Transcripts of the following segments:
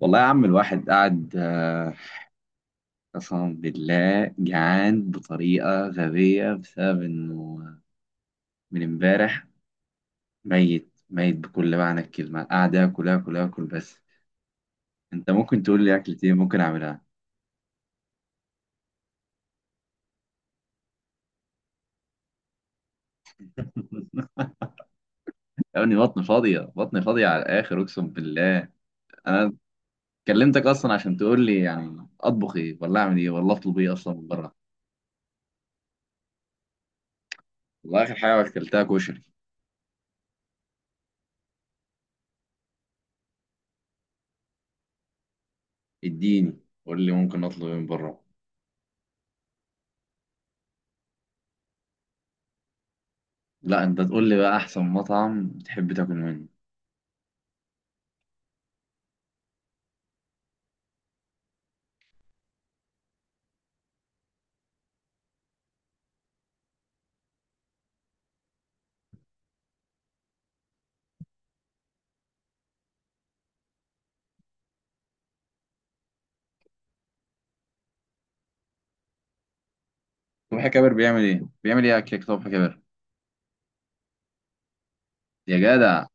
والله يا عم الواحد قاعد قسما بالله جعان بطريقة غبية بسبب إنه من امبارح ميت ميت بكل معنى الكلمة، قاعد آكل آكل آكل. بس أنت ممكن تقول لي أكلة إيه ممكن أعملها؟ يعني بطني فاضية بطني فاضية على الآخر أقسم بالله. أنا كلمتك أصلا عشان تقول لي يعني أطبخ إيه ولا أعمل إيه ولا أطلب إيه أصلا من بره. والله آخر حاجة أكلتها كشري. إديني، قول لي ممكن أطلب إيه من بره. لا، أنت تقول لي بقى أحسن مطعم تحب تاكل منه. صبحي كابر بيعمل ايه؟ بيعمل ايه اكلك صبحي كابر؟ يا جدع،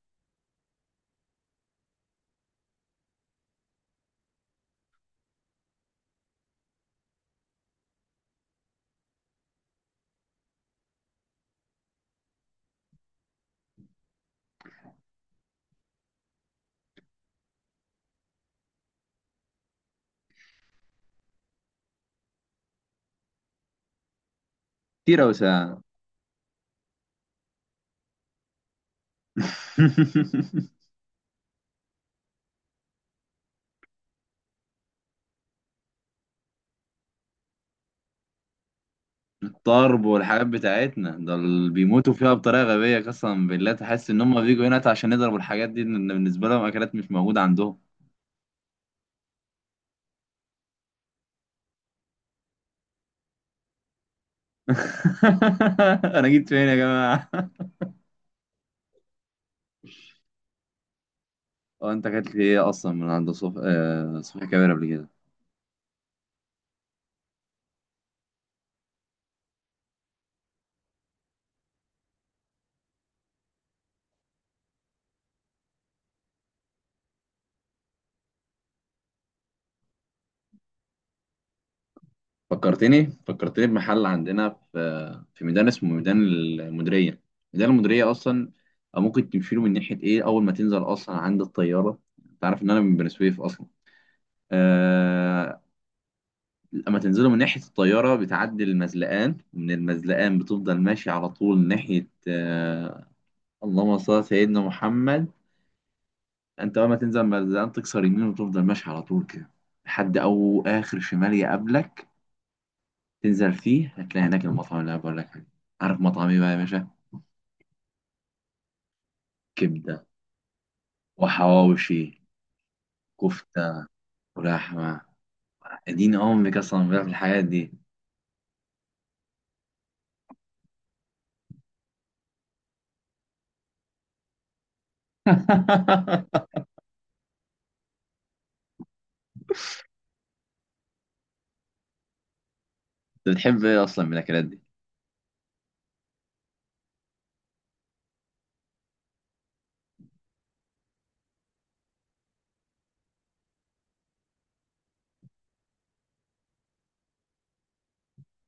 كتير اوي ساعة. الطرب والحاجات بتاعتنا ده اللي بيموتوا فيها بطريقة غبية، قسما بالله تحس ان هم بيجوا هنا عشان يضربوا الحاجات دي، ان بالنسبة لهم اكلات مش موجودة عندهم. انا جيت فين يا جماعة؟ هو انت اكلت ايه اصلا من عند صبحي صبحي كابر قبل كده؟ فكرتني بمحل عندنا في ميدان اسمه ميدان المديرية. ميدان المديرية أصلا ممكن تمشيله من ناحية إيه أول ما تنزل أصلا عند الطيارة. أنت عارف إن أنا من بني سويف أصلا. آه... لما تنزله من ناحية الطيارة بتعدي المزلقان، ومن المزلقان بتفضل ماشي على طول ناحية اللهم صل على سيدنا محمد. أنت أول ما تنزل المزلقان تكسر يمين وتفضل ماشي على طول كده لحد أو آخر شمال يقابلك، تنزل فيه هتلاقي هناك المطعم اللي انا بقول لك عليه. عارف مطعم ايه بقى يا باشا؟ كبده، وحواوشي، كفته، ولحمه. اديني امك اصلا بقى في الحاجات دي. انت بتحب ايه اصلا من الاكلات دي؟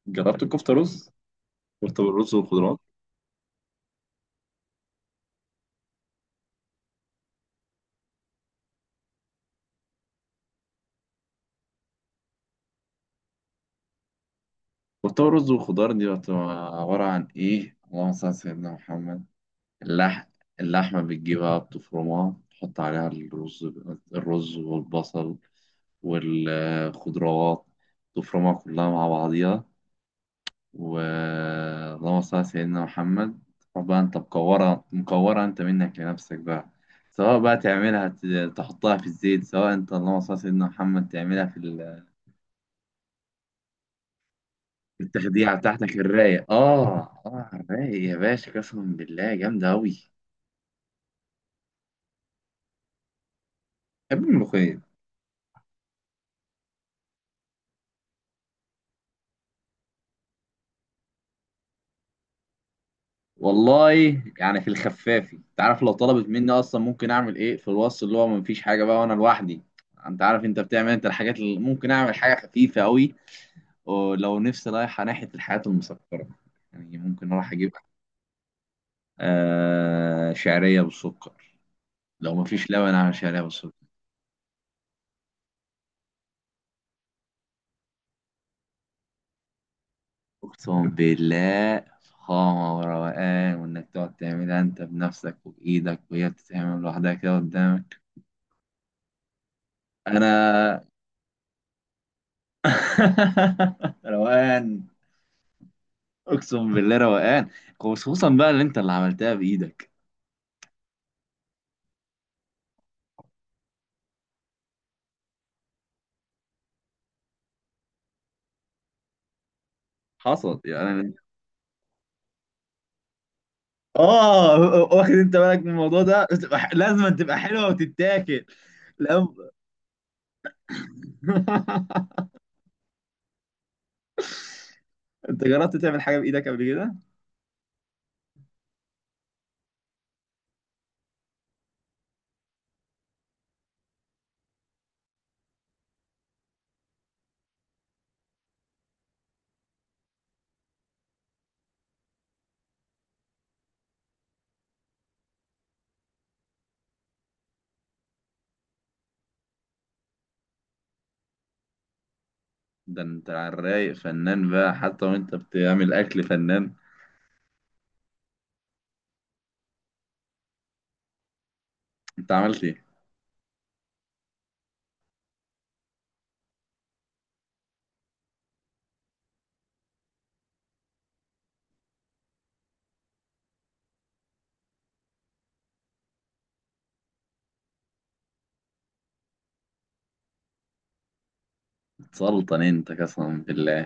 جربت الكفته رز؟ كفته بالرز والخضروات؟ كفته بالرز والخضار دي بتبقى عباره عن ايه؟ اللهم صل على سيدنا محمد. اللحم، اللحمه بتجيبها بتفرمها تحط عليها الرز الرز والبصل والخضروات، تفرمها كلها مع بعضيها، واللهم صل على سيدنا محمد. روح بقى انت مكورة مكورة انت منك لنفسك بقى. سواء بقى تعملها تحطها في الزيت، سواء انت اللهم صل على سيدنا محمد تعملها في في التخديعة بتاعتك الرايق اه. اه الرايق يا باشا، قسما بالله جامدة أوي. بحب الملوخية. والله يعني في الخفافي، انت عارف لو طلبت مني اصلا ممكن اعمل ايه في الوصف اللي هو مفيش حاجة بقى وانا لوحدي. انت عارف انت بتعمل انت الحاجات اللي ممكن اعمل حاجة خفيفة أوي. ولو نفسي رايحة ناحية الحياة المسكرة، يعني ممكن أروح أجيب آه شعرية بالسكر. لو مفيش لبن أعمل شعرية بالسكر. أقسم بالله فخامة وروقان، وإنك تقعد تعملها أنت بنفسك وبإيدك وهي بتتعمل لوحدها كده قدامك. أنا روقان. أقسم بالله روقان، خصوصا بقى اللي أنت اللي عملتها بإيدك. حصل يعني. اه، واخد انت بالك من الموضوع ده؟ بتبقى لازم تبقى حلوه وتتاكل. لو انت جربت تعمل حاجه بايدك قبل كده؟ ده انت على الرايق فنان بقى، حتى وانت بتعمل اكل فنان. انت عملت ايه؟ سلطن انت قسما بالله.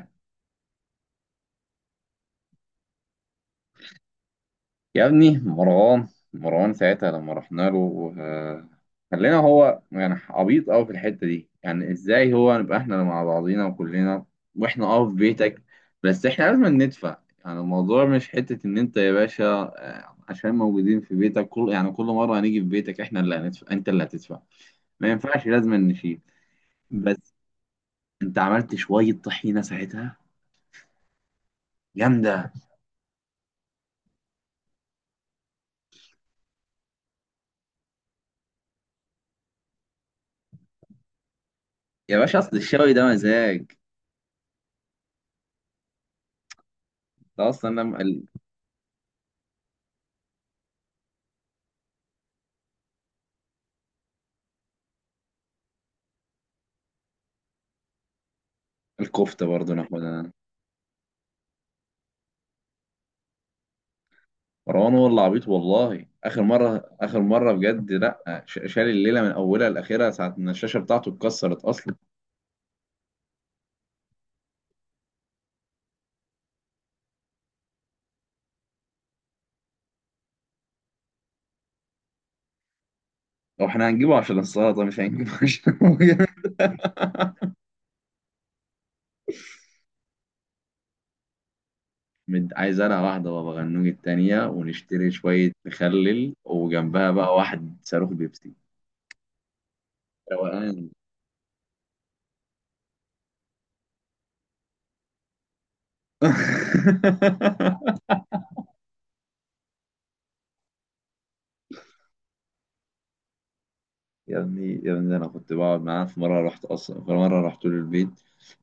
يا ابني مروان، مروان ساعتها لما رحنا له خلينا هو يعني عبيط قوي في الحتة دي، يعني ازاي هو نبقى احنا مع بعضينا وكلنا واحنا اه في بيتك. بس احنا لازم ندفع. يعني الموضوع مش حتة ان انت يا باشا عشان موجودين في بيتك، كل مرة هنيجي في بيتك احنا اللي هندفع انت اللي هتدفع، ما ينفعش، لازم نشيل. بس انت عملت شوية طحينة ساعتها جامدة. يا باشا اصل الشوي ده مزاج. ده اصلا الكفتة برضه ناخدها. مروان هو اللي عبيط، والله اخر مره اخر مره بجد لا شال الليله من اولها لاخرها ساعه ما الشاشه بتاعته اتكسرت اصلا. هو احنا هنجيبه عشان السلطه، مش هنجيبه عشان هو جامد. عايز انا واحده بابا غنوج التانيه، ونشتري شويه مخلل، وجنبها بقى واحد صاروخ بيبسي. روقان. يا ابني يا ابني انا كنت بقعد معاه في مره، رحت اصلا في مره رحت له البيت.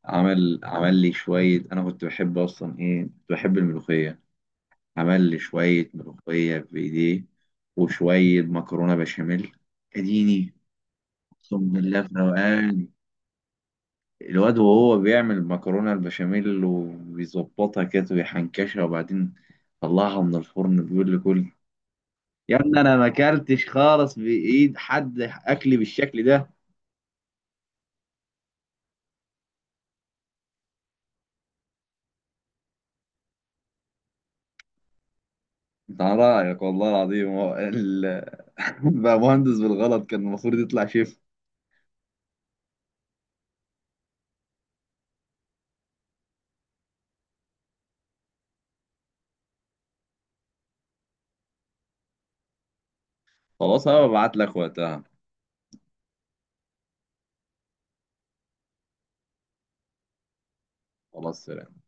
عمل لي شويه، انا كنت بحب اصلا ايه كنت بحب الملوخيه. عمل لي شوية ملوخية بإيديه وشوية مكرونة بشاميل. أديني. أقسم بالله في روقان. الواد وهو بيعمل المكرونة البشاميل وبيظبطها كده ويحنكشها وبعدين طلعها من الفرن بيقول لي كل. يا ابني أنا ما أكلتش خالص بإيد حد أكلي بالشكل ده. أنت على رأيك والله العظيم هو بقى مهندس بالغلط كان المفروض يطلع شيف. خلاص أنا ببعت لك وقتها. خلاص سلام.